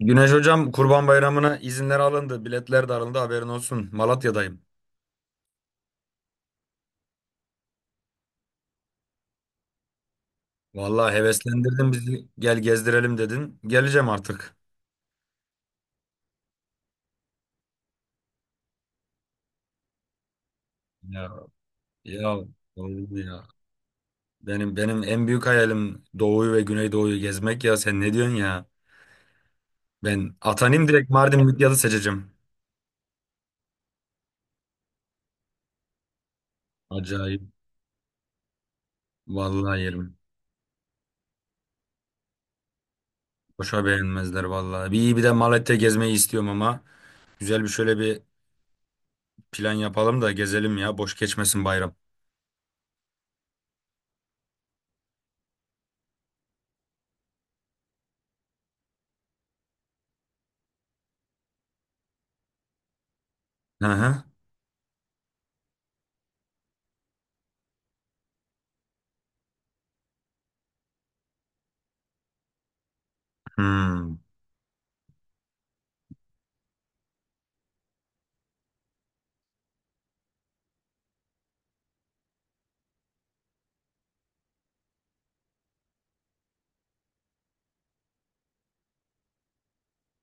Güneş hocam Kurban Bayramı'na izinler alındı. Biletler de alındı haberin olsun. Malatya'dayım. Vallahi heveslendirdin bizi. Gel gezdirelim dedin. Geleceğim artık. Ya ya, olur ya? Benim en büyük hayalim Doğu'yu ve Güneydoğu'yu gezmek ya. Sen ne diyorsun ya? Ben atanayım direkt Mardin Midyat'ı seçeceğim. Acayip. Vallahi yerim. Boşa beğenmezler vallahi. Bir iyi bir de Malatya gezmeyi istiyorum ama güzel bir şöyle bir plan yapalım da gezelim ya. Boş geçmesin bayram. Hı hı. Hmm.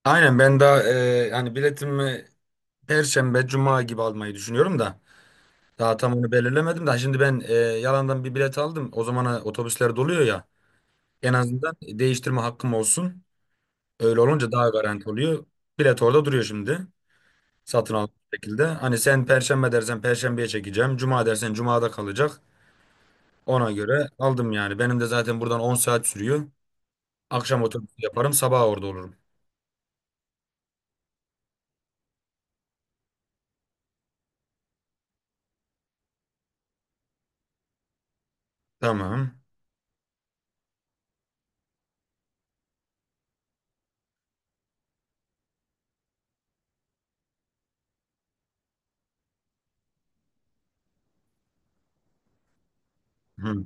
Aynen ben daha hani biletimi Perşembe, Cuma gibi almayı düşünüyorum da daha tam onu belirlemedim de şimdi ben yalandan bir bilet aldım. O zamana otobüsler doluyor ya en azından değiştirme hakkım olsun. Öyle olunca daha garanti oluyor. Bilet orada duruyor şimdi satın aldım şekilde. Hani sen Perşembe dersen Perşembeye çekeceğim. Cuma dersen Cuma'da kalacak. Ona göre aldım yani. Benim de zaten buradan 10 saat sürüyor. Akşam otobüsü yaparım sabah orada olurum. Tamam. Hı,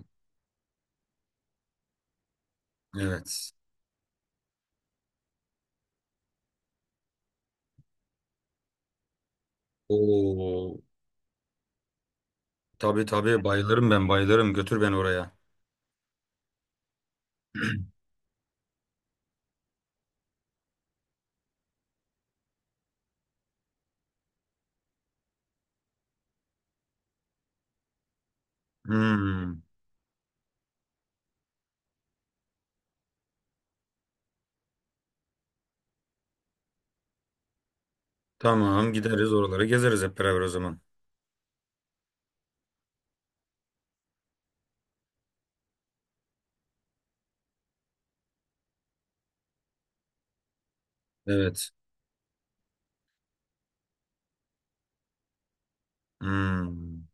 evet. Oo. Tabii tabii bayılırım ben bayılırım. Götür beni oraya. Hmm. Tamam gideriz oraları gezeriz hep beraber o zaman. Evet. Hmm.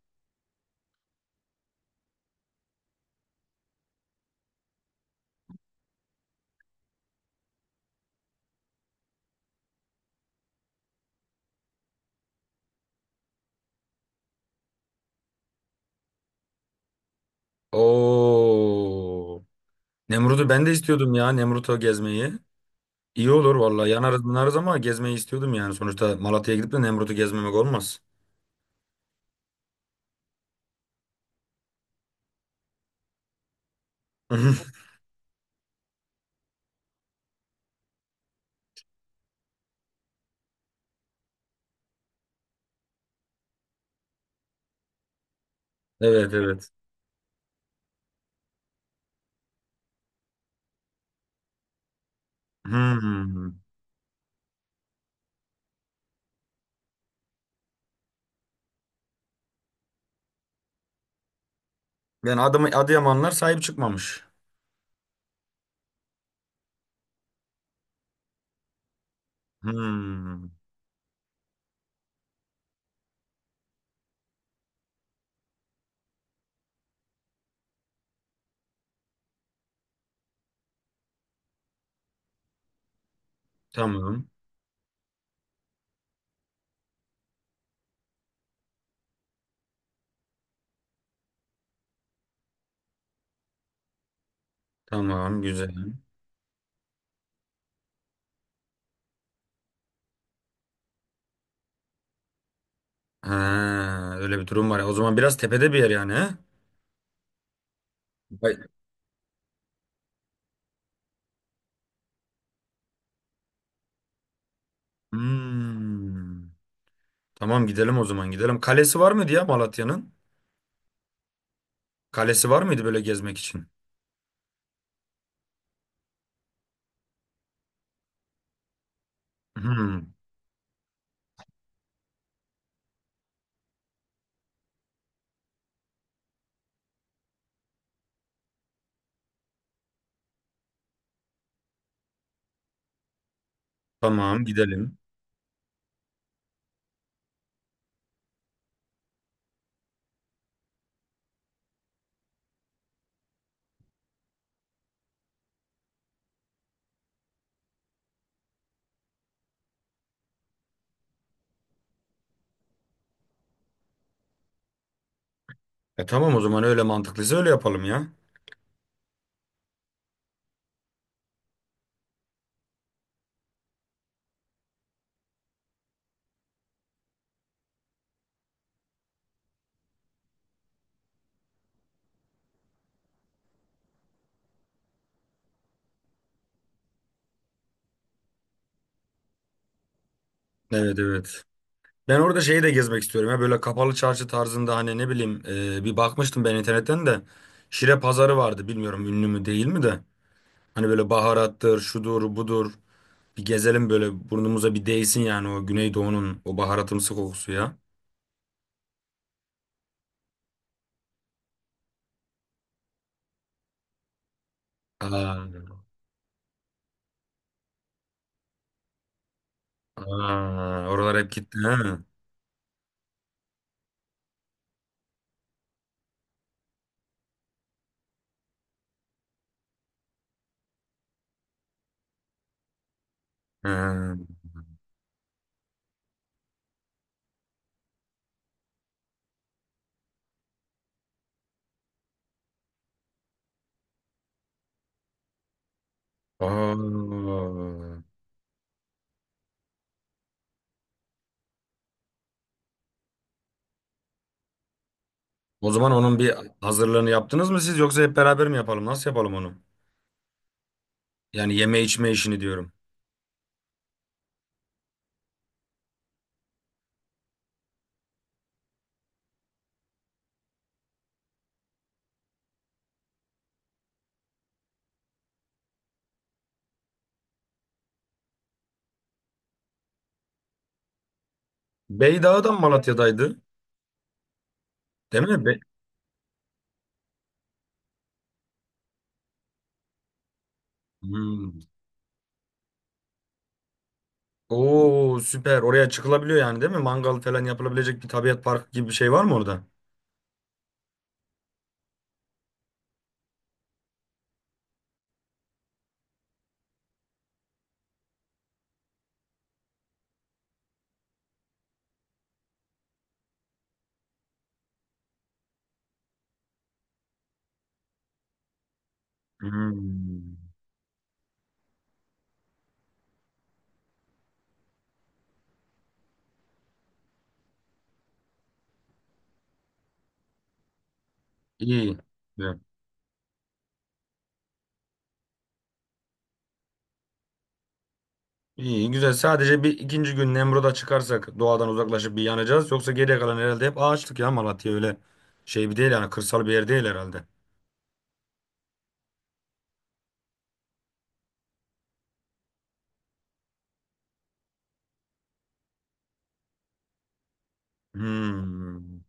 Oo. Nemrut'u ben de istiyordum ya, Nemrut'u gezmeyi. İyi olur vallahi, yanarız bunarız ama gezmeyi istiyordum yani. Sonuçta Malatya'ya gidip de Nemrut'u gezmemek olmaz. Evet, evet. Hmm. Yani Adım Adıyamanlar sahip çıkmamış. Hmm. Tamam. Tamam güzel. Ha, öyle bir durum var ya. O zaman biraz tepede bir yer yani, he? Hay- Hmm. Tamam gidelim, o zaman gidelim. Kalesi var mıydı ya Malatya'nın? Kalesi var mıydı böyle gezmek için? Hmm. Tamam gidelim. E tamam, o zaman öyle mantıklıysa öyle yapalım ya. Evet, evet. Ben orada şeyi de gezmek istiyorum ya, böyle kapalı çarşı tarzında, hani ne bileyim, bir bakmıştım ben internetten de. Şire pazarı vardı, bilmiyorum ünlü mü değil mi de, hani böyle baharattır şudur budur, bir gezelim böyle burnumuza bir değsin yani, o Güneydoğu'nun o baharatımsı kokusu ya. Aa. Aa, oralar hep gitti ha. Ha. Aa. O zaman onun bir hazırlığını yaptınız mı siz, yoksa hep beraber mi yapalım? Nasıl yapalım onu? Yani yeme içme işini diyorum. Beydağ'dan Malatya'daydı. Değil mi? Hmm. Oo, süper. Oraya çıkılabiliyor yani değil mi? Mangal falan yapılabilecek bir tabiat parkı gibi bir şey var mı orada? Hmm. İyi. İyi güzel. Sadece bir ikinci gün Nemrut'a çıkarsak doğadan uzaklaşıp bir yanacağız. Yoksa geriye kalan herhalde hep ağaçlık ya Malatya, öyle şey bir değil yani, kırsal bir yer değil herhalde. Hmm.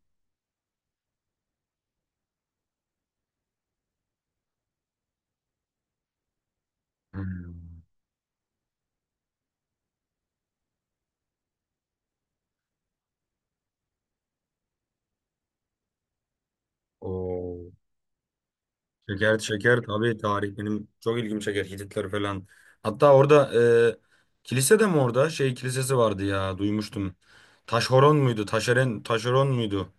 Hmm. Oo. Şeker şeker, tabii tarih benim çok ilgimi çeker, Hititler falan. Hatta orada kilise de mi, orada şey kilisesi vardı ya, duymuştum. Taşhoron muydu? Taşeren, Taşeron muydu?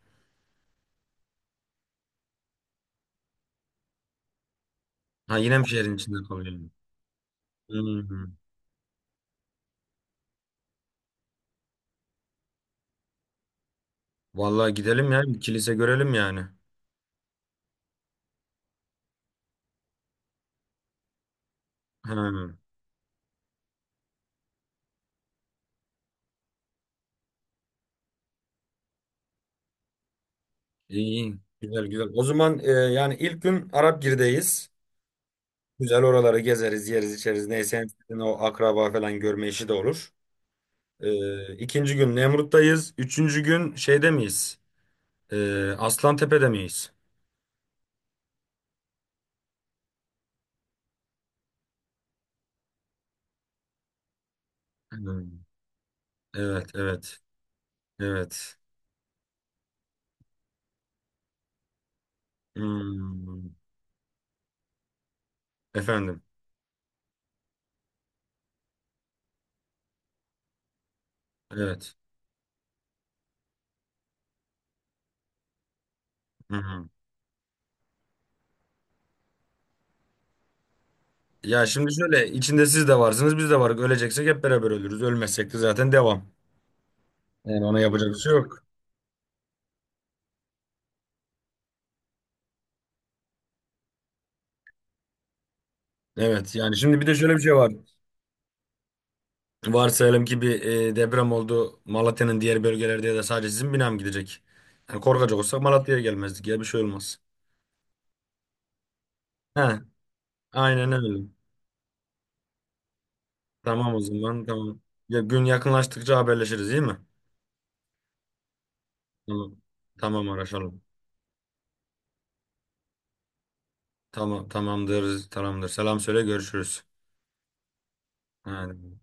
Ha, yine mi şehrin içinde kalıyor? Hmm. Vallahi gidelim ya, bir kilise görelim yani. Hmm. İyi, güzel güzel. O zaman yani ilk gün Arapgir'deyiz. Güzel, oraları gezeriz, yeriz, içeriz. Neyse, en sevdiğin o akraba falan görme işi de olur. İkinci gün Nemrut'tayız. Üçüncü gün şeyde miyiz? E, Aslantepe'de miyiz? Hmm. Evet, evet, evet. Hmm. Efendim, evet. Hı-hı. Ya şimdi şöyle, içinde siz de varsınız, biz de varız. Öleceksek hep beraber ölürüz. Ölmezsek de zaten devam. Yani ona yapacak bir şey yok. Evet, yani şimdi bir de şöyle bir şey var. Varsayalım ki bir deprem oldu, Malatya'nın diğer bölgelerde ya da sadece sizin bina mı gidecek? Yani korkacak olsak Malatya'ya gelmezdik ya, bir şey olmaz. He, aynen öyle. Tamam o zaman, tamam. Ya, gün yakınlaştıkça haberleşiriz değil mi? Tamam. Tamam, araşalım. Tamam, tamamdır, tamamdır. Selam söyle, görüşürüz. Hadi.